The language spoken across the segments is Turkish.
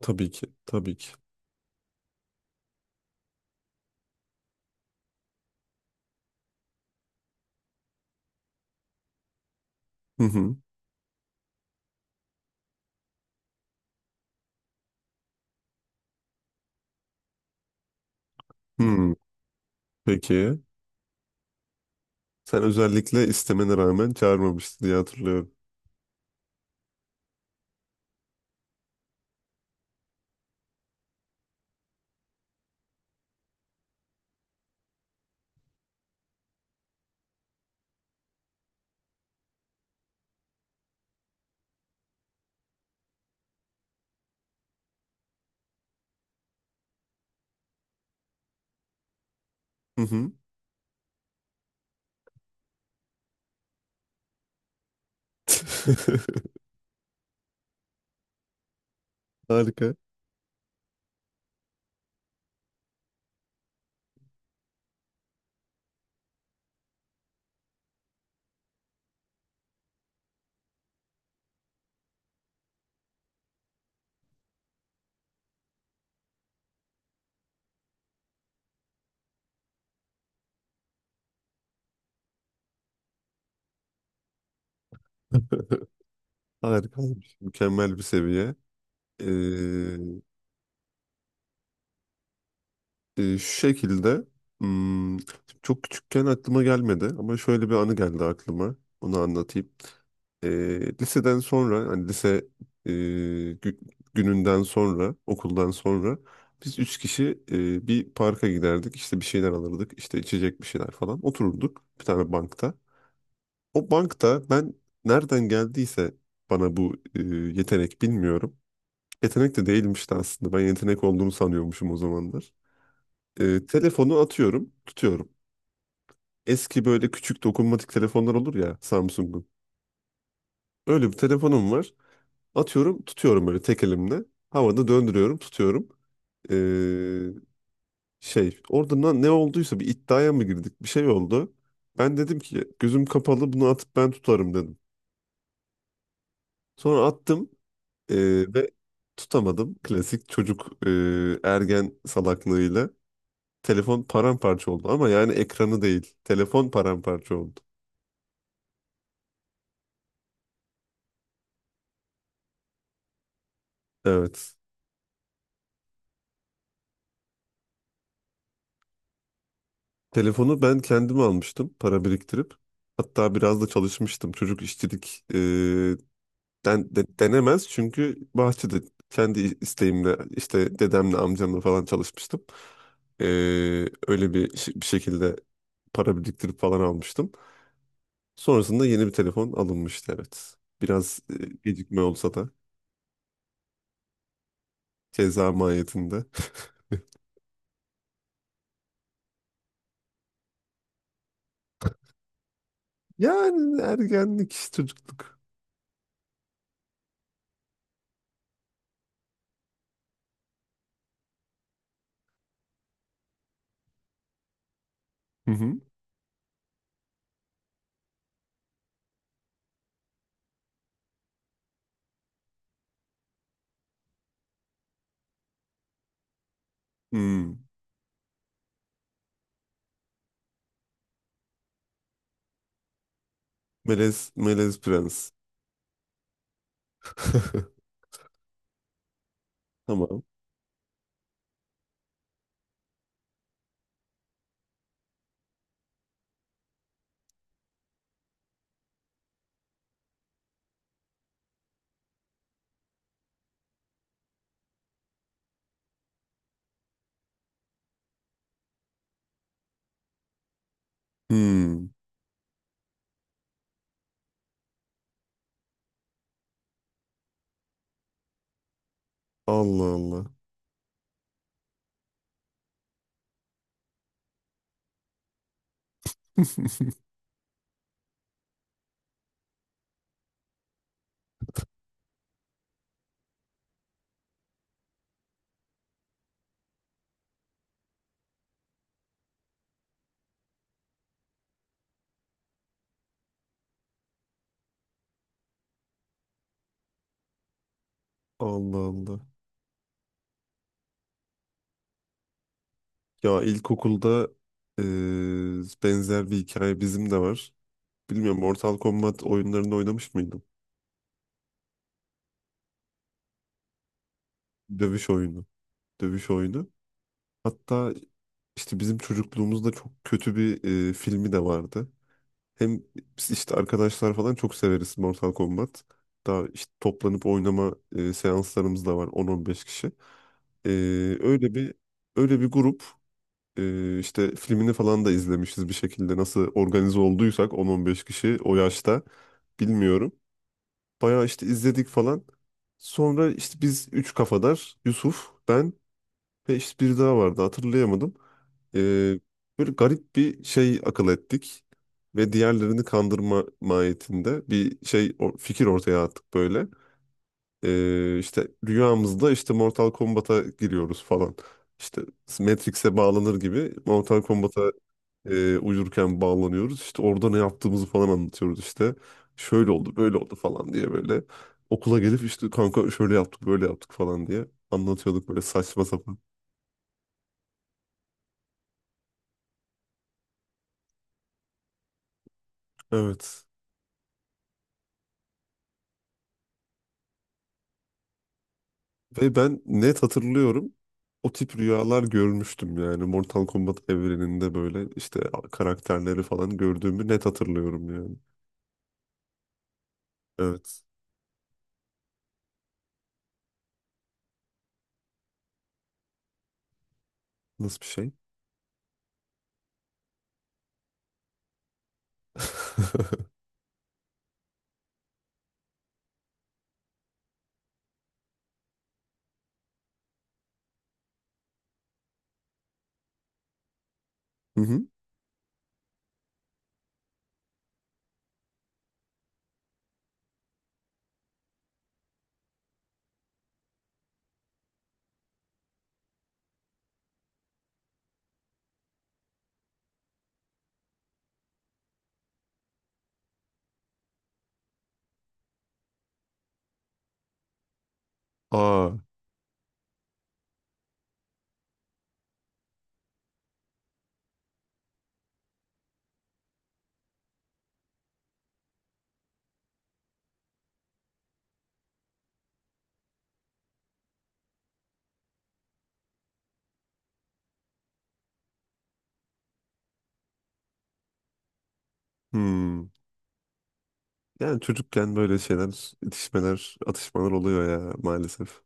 Tabii ki. Tabii ki. Hı hı. Hmm, Peki. Sen özellikle istemene rağmen çağırmamıştın diye hatırlıyorum. Hı hı. Harika. Olmuş. Mükemmel bir seviye. Ee, şu şekilde hmm, çok küçükken aklıma gelmedi ama şöyle bir anı geldi aklıma. Onu anlatayım. Liseden sonra hani e, gü- gününden sonra okuldan sonra biz üç kişi bir parka giderdik. İşte bir şeyler alırdık. İşte içecek bir şeyler falan. Otururduk bir tane bankta. O bankta ben nereden geldiyse bana bu yetenek bilmiyorum. Yetenek de değilmişti aslında. Ben yetenek olduğunu sanıyormuşum o zamanlar. Telefonu atıyorum, tutuyorum. Eski böyle küçük dokunmatik telefonlar olur ya Samsung'un. Öyle bir telefonum var. Atıyorum, tutuyorum böyle tek elimle. Havada döndürüyorum, tutuyorum. E, Orada ne olduysa bir iddiaya mı girdik? Bir şey oldu. Ben dedim ki gözüm kapalı bunu atıp ben tutarım dedim. Sonra attım e, ve tutamadım. Klasik çocuk, ergen salaklığıyla. Telefon paramparça oldu ama yani ekranı değil. Telefon paramparça oldu. Evet. Telefonu ben kendim almıştım para biriktirip. Hatta biraz da çalışmıştım. Çocuk işçilik denemez çünkü bahçede kendi isteğimle işte dedemle amcamla falan çalışmıştım. E, Öyle bir, bir şekilde para biriktirip falan almıştım. Sonrasında yeni bir telefon alınmıştı, evet. Biraz gecikme olsa da ceza mahiyetinde. Yani ergenlik, çocukluk. Hı hı. Hmm. Melez, Melez Prens. Tamam. Hmm. Allah Allah. Allah Allah. Ya ilkokulda benzer bir hikaye bizim de var. Bilmiyorum, Mortal Kombat oyunlarını oynamış mıydım? Dövüş oyunu. Dövüş oyunu. Hatta işte bizim çocukluğumuzda çok kötü bir filmi de vardı. Hem biz işte arkadaşlar falan çok severiz Mortal Kombat. Daha işte toplanıp oynama seanslarımız da var, on on beş kişi. Eee, öyle bir öyle bir grup, işte filmini falan da izlemişiz bir şekilde. Nasıl organize olduysak 10-15 kişi o yaşta bilmiyorum. Bayağı işte izledik falan. Sonra işte biz üç kafadar Yusuf, ben ve işte biri daha vardı, hatırlayamadım. E, Böyle garip bir şey akıl ettik. Ve diğerlerini kandırma mahiyetinde bir şey, fikir ortaya attık böyle. İşte rüyamızda işte Mortal Kombat'a giriyoruz falan. İşte Matrix'e bağlanır gibi Mortal Kombat'a uyurken bağlanıyoruz. İşte orada ne yaptığımızı falan anlatıyoruz işte. Şöyle oldu, böyle oldu falan diye böyle. Okula gelip işte kanka şöyle yaptık, böyle yaptık falan diye anlatıyorduk böyle saçma sapan. Evet. Ve ben net hatırlıyorum. O tip rüyalar görmüştüm yani. Mortal Kombat evreninde böyle işte karakterleri falan gördüğümü net hatırlıyorum yani. Evet. Nasıl bir şey? Hı hı. Aa. Hmm. Yani çocukken böyle şeyler, itişmeler, atışmalar oluyor ya, maalesef.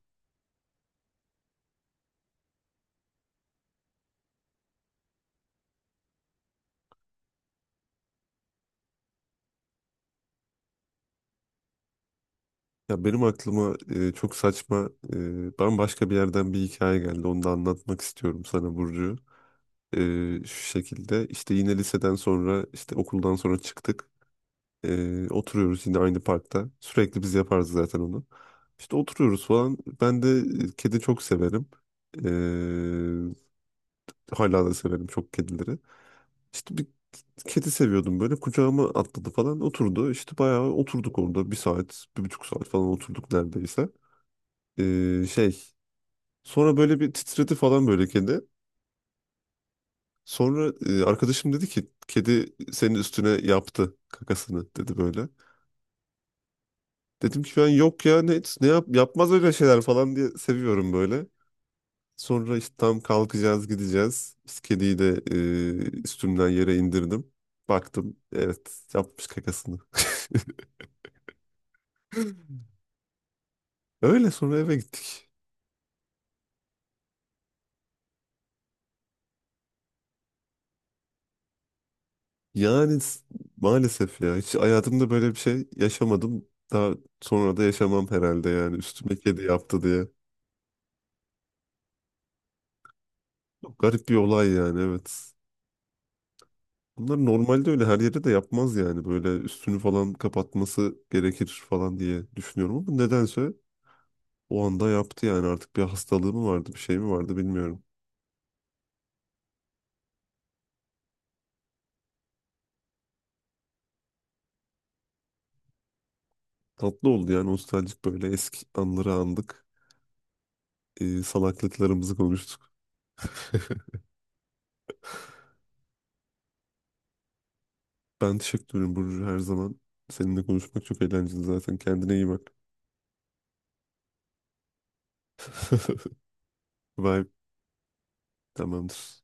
Ya benim aklıma çok saçma, bambaşka bir yerden bir hikaye geldi. Onu da anlatmak istiyorum sana, Burcu. E, Şu şekilde işte yine liseden sonra işte okuldan sonra çıktık. Oturuyoruz yine aynı parkta. Sürekli biz yaparız zaten onu. İşte oturuyoruz falan. Ben de kedi çok severim. E, Hala da severim çok kedileri. İşte bir kedi seviyordum böyle. Kucağıma atladı falan, oturdu. İşte bayağı oturduk orada. Bir saat, bir buçuk saat falan oturduk neredeyse. Şey sonra böyle bir titredi falan böyle, kedi. Sonra arkadaşım dedi ki kedi senin üstüne yaptı kakasını dedi böyle. Dedim ki ben yok ya ne yapmaz öyle şeyler falan diye seviyorum böyle. Sonra işte tam kalkacağız, gideceğiz. İşte kediyi de üstümden yere indirdim. Baktım, evet, yapmış kakasını. Öyle sonra eve gittik. Yani s- Maalesef ya, hiç hayatımda böyle bir şey yaşamadım. Daha sonra da yaşamam herhalde yani, üstüme kedi yaptı diye. Çok garip bir olay yani, evet. Bunlar normalde öyle her yere de yapmaz yani, böyle üstünü falan kapatması gerekir falan diye düşünüyorum, ama nedense o anda yaptı yani, artık bir hastalığı mı vardı, bir şey mi vardı, bilmiyorum. Tatlı oldu yani, nostaljik böyle eski anları andık. Salaklıklarımızı konuştuk. Ben teşekkür ederim Burcu, her zaman. Seninle konuşmak çok eğlenceli zaten. Kendine iyi bak. Bye. Tamamdır.